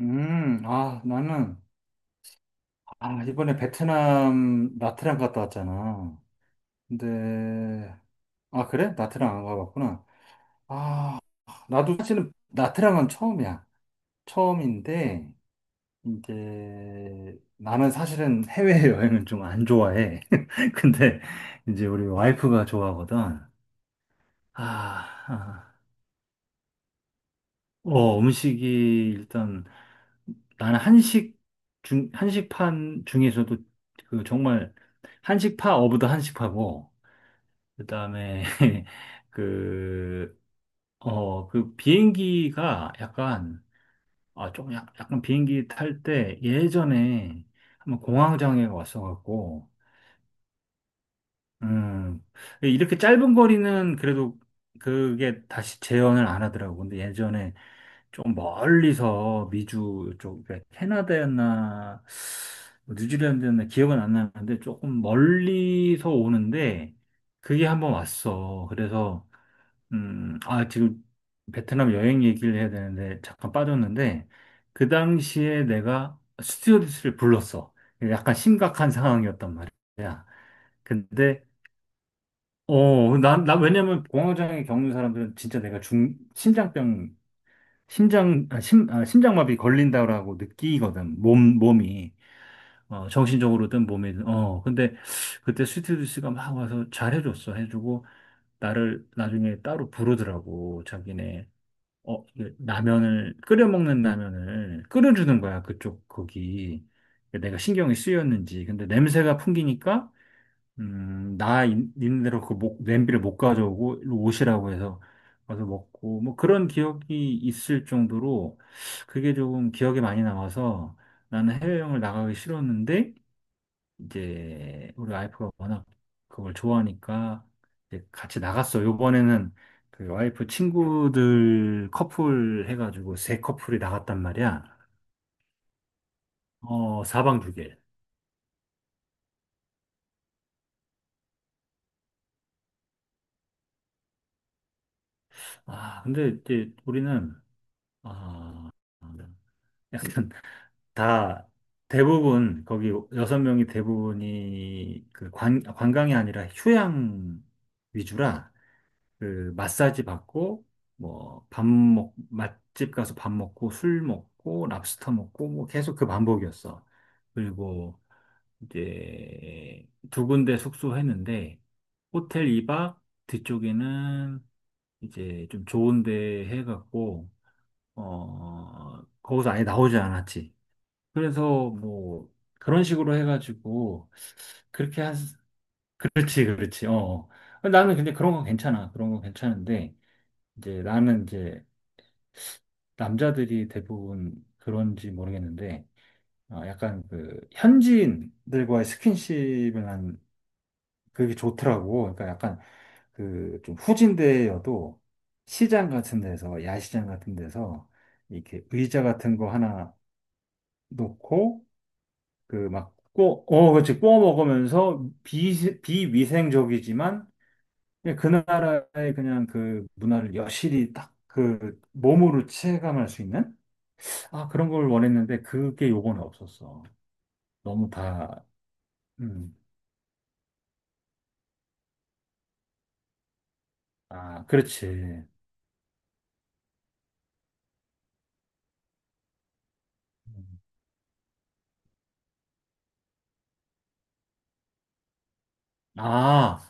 아, 나는, 아, 이번에 베트남 나트랑 갔다 왔잖아. 근데, 아, 그래? 나트랑 안 가봤구나. 아, 나도 사실은 나트랑은 처음이야. 처음인데, 이제, 나는 사실은 해외여행은 좀 안 좋아해. 근데, 이제 우리 와이프가 좋아하거든. 아, 아. 음식이 일단 나는 한식판 중에서도 그 정말 한식파 어브 더 한식파고, 그 다음에 그, 그 비행기가 약간, 아, 조금 약간 비행기 탈 때 예전에 한번 공황장애가 왔어갖고, 음, 이렇게 짧은 거리는 그래도 그게 다시 재현을 안 하더라고. 근데 예전에 좀 멀리서 미주 쪽, 그러니까 캐나다였나, 뭐 뉴질랜드였나 기억은 안 나는데 조금 멀리서 오는데 그게 한번 왔어. 그래서, 아, 지금 베트남 여행 얘기를 해야 되는데 잠깐 빠졌는데 그 당시에 내가 스튜어디스를 불렀어. 약간 심각한 상황이었단 말이야. 근데 왜냐면 공황장애 겪는 사람들은 진짜 내가 중, 심장병, 심장, 아, 심, 아, 심장마비 걸린다라고 느끼거든. 몸이. 정신적으로든 몸이든. 근데 그때 스튜디오스가 막 와서 잘해줬어. 해주고, 나를 나중에 따로 부르더라고. 자기네, 이게 끓여먹는 라면을 끓여주는 거야. 그쪽, 거기. 내가 신경이 쓰였는지. 근데 냄새가 풍기니까, 나 있는 대로 그 냄비를 못 가져오고 일로 오시라고 해서 가서 먹고 뭐 그런 기억이 있을 정도로 그게 조금 기억에 많이 남아서 나는 해외여행을 나가기 싫었는데 이제 우리 와이프가 워낙 그걸 좋아하니까 이제 같이 나갔어. 요번에는 그 와이프 친구들 커플 해가지고 세 커플이 나갔단 말이야. 사방 두 개. 아, 근데 이제 우리는 아, 약간 다 대부분 거기 여섯 명이 대부분이 그 관광이 아니라 휴양 위주라 그 마사지 받고 뭐 맛집 가서 밥 먹고 술 먹고 랍스터 먹고 뭐 계속 그 반복이었어. 그리고 이제 두 군데 숙소했는데 호텔 2박, 뒤쪽에는 이제 좀 좋은 데 해갖고 거기서 아예 나오지 않았지. 그래서 뭐 그런 식으로 해가지고 그렇게 한 그렇지, 그렇지. 나는 근데 그런 건 괜찮아. 그런 건 괜찮은데 이제 나는 이제 남자들이 대부분 그런지 모르겠는데 약간 그 현지인들과의 스킨십을 난 그게 좋더라고. 그러니까 약간 그 좀 후진대여도 시장 같은 데서 야시장 같은 데서 이렇게 의자 같은 거 하나 놓고 그 막 그렇지. 구워 먹으면서 비위생적이지만 그냥 그 나라의 그냥 그 문화를 여실히 딱 그 몸으로 체감할 수 있는, 아, 그런 걸 원했는데 그게 요거는 없었어. 너무 다, 음, 아, 그렇지. 음. 아,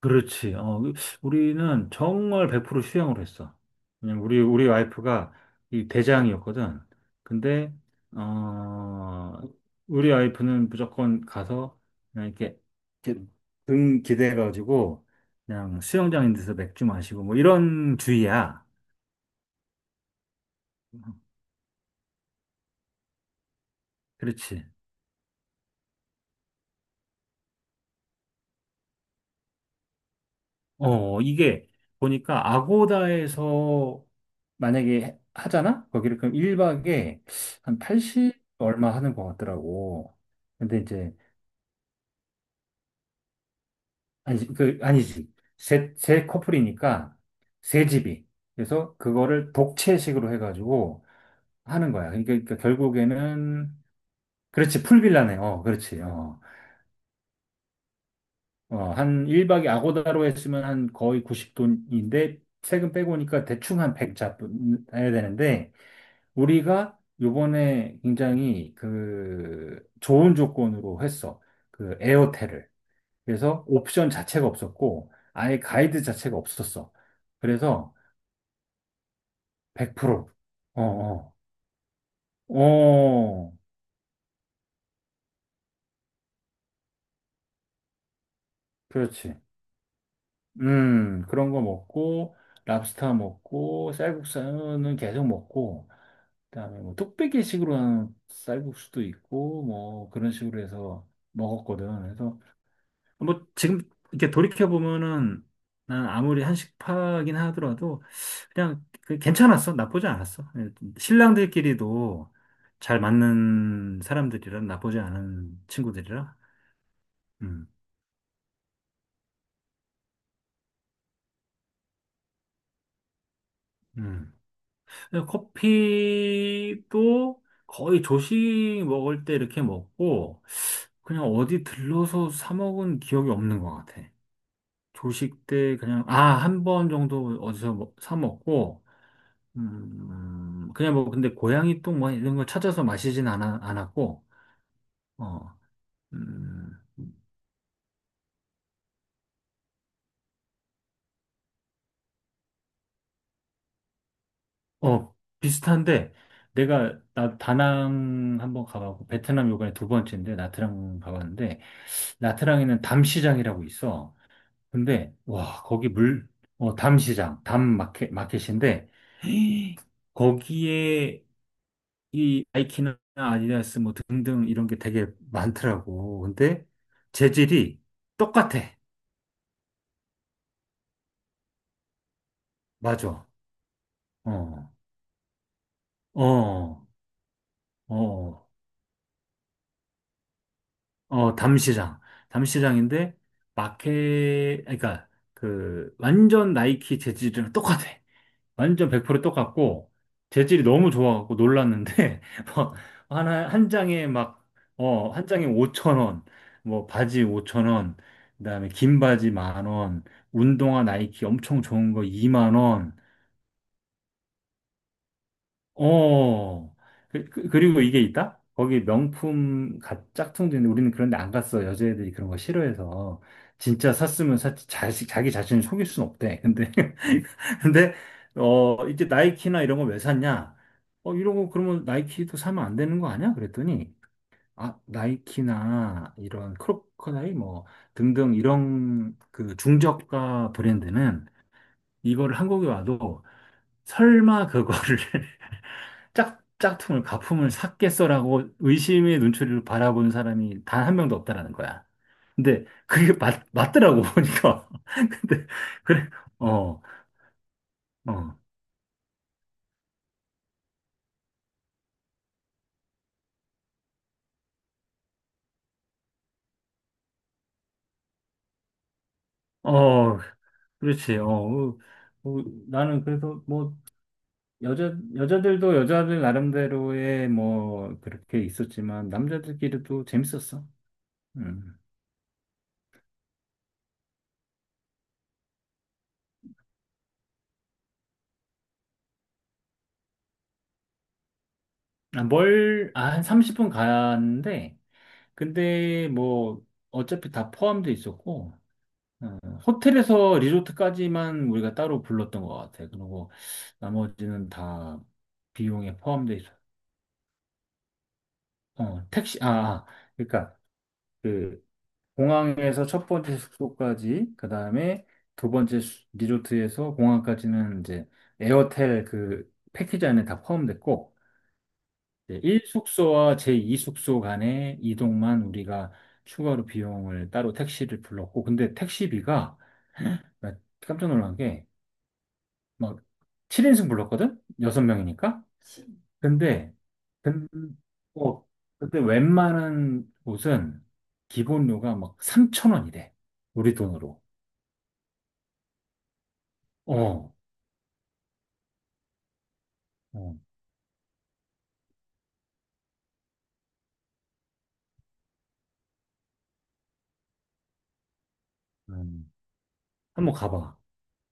그렇지. 우리는 정말 100% 수영을 했어. 왜냐면 우리 와이프가 이 대장이었거든. 근데, 어, 우리 와이프는 무조건 가서 그냥 이렇게 등 기대가지고 그냥 수영장인 데서 맥주 마시고 뭐 이런 주의야. 어, 그렇지. 이게 보니까 아고다에서 만약에 하잖아? 거기를 그럼 1박에 한 80 얼마 하는 것 같더라고. 근데 이제, 아니지. 세 커플이니까 세 집이. 그래서 그거를 독채식으로 해가지고 하는 거야. 그러니까 결국에는, 그렇지, 풀빌라네. 그렇지. 한 1박에 아고다로 했으면 한 거의 90돈인데, 세금 빼고 오니까 대충 한 100 잡아야 되는데, 우리가 요번에 굉장히 그 좋은 조건으로 했어. 그 에어텔을. 그래서 옵션 자체가 없었고, 아예 가이드 자체가 없었어. 그래서 100%. 어, 어, 어, 그렇지. 그런 거 먹고, 랍스터 먹고, 쌀국수는 계속 먹고, 그다음에 뭐 뚝배기식으로 하는 쌀국수도 있고, 뭐 그런 식으로 해서 먹었거든. 그래서 뭐 지금 이렇게 돌이켜 보면은 난 아무리 한식파긴 하더라도 그냥 그 괜찮았어. 나쁘지 않았어. 신랑들끼리도 잘 맞는 사람들이라, 나쁘지 않은 친구들이라. 음. 음. 커피도 거의 조식 먹을 때 이렇게 먹고 그냥 어디 들러서 사 먹은 기억이 없는 것 같아. 조식 때 그냥 아, 한 번 정도 어디서 사 먹고, 그냥 뭐, 근데 고양이 똥 뭐 이런 걸 찾아서 않았고, 어, 음, 어, 비슷한데, 나 다낭 한번 가봤고, 베트남 요번에 두 번째인데, 나트랑 가봤는데, 나트랑에는 담시장이라고 있어. 근데, 와, 담시장, 담 마켓, 마켓인데, 거기에 이 나이키나 아디다스 뭐 등등 이런 게 되게 많더라고. 근데, 재질이 똑같아. 맞아. 어, 어, 어, 어, 담시장. 담시장인데, 마켓, 그러니까, 완전 나이키 재질이랑 똑같아. 완전 100% 똑같고, 재질이 너무 좋아갖고 놀랐는데, 막, 한 장에 막, 어, 한 장에 5천원, 뭐, 바지 5천원, 그다음에 긴 바지 10,000원, 운동화 나이키 엄청 좋은 거 2만원, 어, 그리고 이게 있다? 거기 명품 짝퉁도 있는데 우리는 그런데 안 갔어. 여자애들이 그런 거 싫어해서. 진짜 샀으면 샀지. 자기 자신을 속일 순 없대. 근데, 근데, 이제 나이키나 이런 거 왜 샀냐? 이런 거 그러면 나이키도 사면 안 되는 거 아니야? 그랬더니, 아, 나이키나 이런 크로커다이 뭐 등등 이런 그 중저가 브랜드는 이거를 한국에 와도 설마 그거를 가품을 샀겠어라고 의심의 눈초리로 바라본 사람이 단 한 명도 없다라는 거야. 근데 그게 맞더라고, 보니까. 근데, 그래, 어, 어, 어, 그렇지. 나는 그래서 뭐, 여자들도 여자들 나름대로의 뭐, 그렇게 있었지만, 남자들끼리도 재밌었어. 음. 아, 뭘, 아, 한 30분 가는데, 근데 뭐, 어차피 다 포함돼 있었고, 어, 호텔에서 리조트까지만 우리가 따로 불렀던 것 같아. 그리고 나머지는 다 비용에 포함돼 있어. 어, 택시, 아, 아, 그러니까 그 공항에서 첫 번째 숙소까지, 그 다음에 두 번째 리조트에서 공항까지는 이제 에어텔 그 패키지 안에 다 포함됐고, 일 1숙소와 제2숙소 간의 이동만 우리가 추가로 비용을 따로 택시를 불렀고, 근데 택시비가 나 깜짝 놀란 게 막 7인승 불렀거든? 6명이니까? 근데, 근, 어, 근데 웬만한 곳은 기본료가 막 3천원이래, 우리 돈으로. 어, 어, 음. 한번 가봐.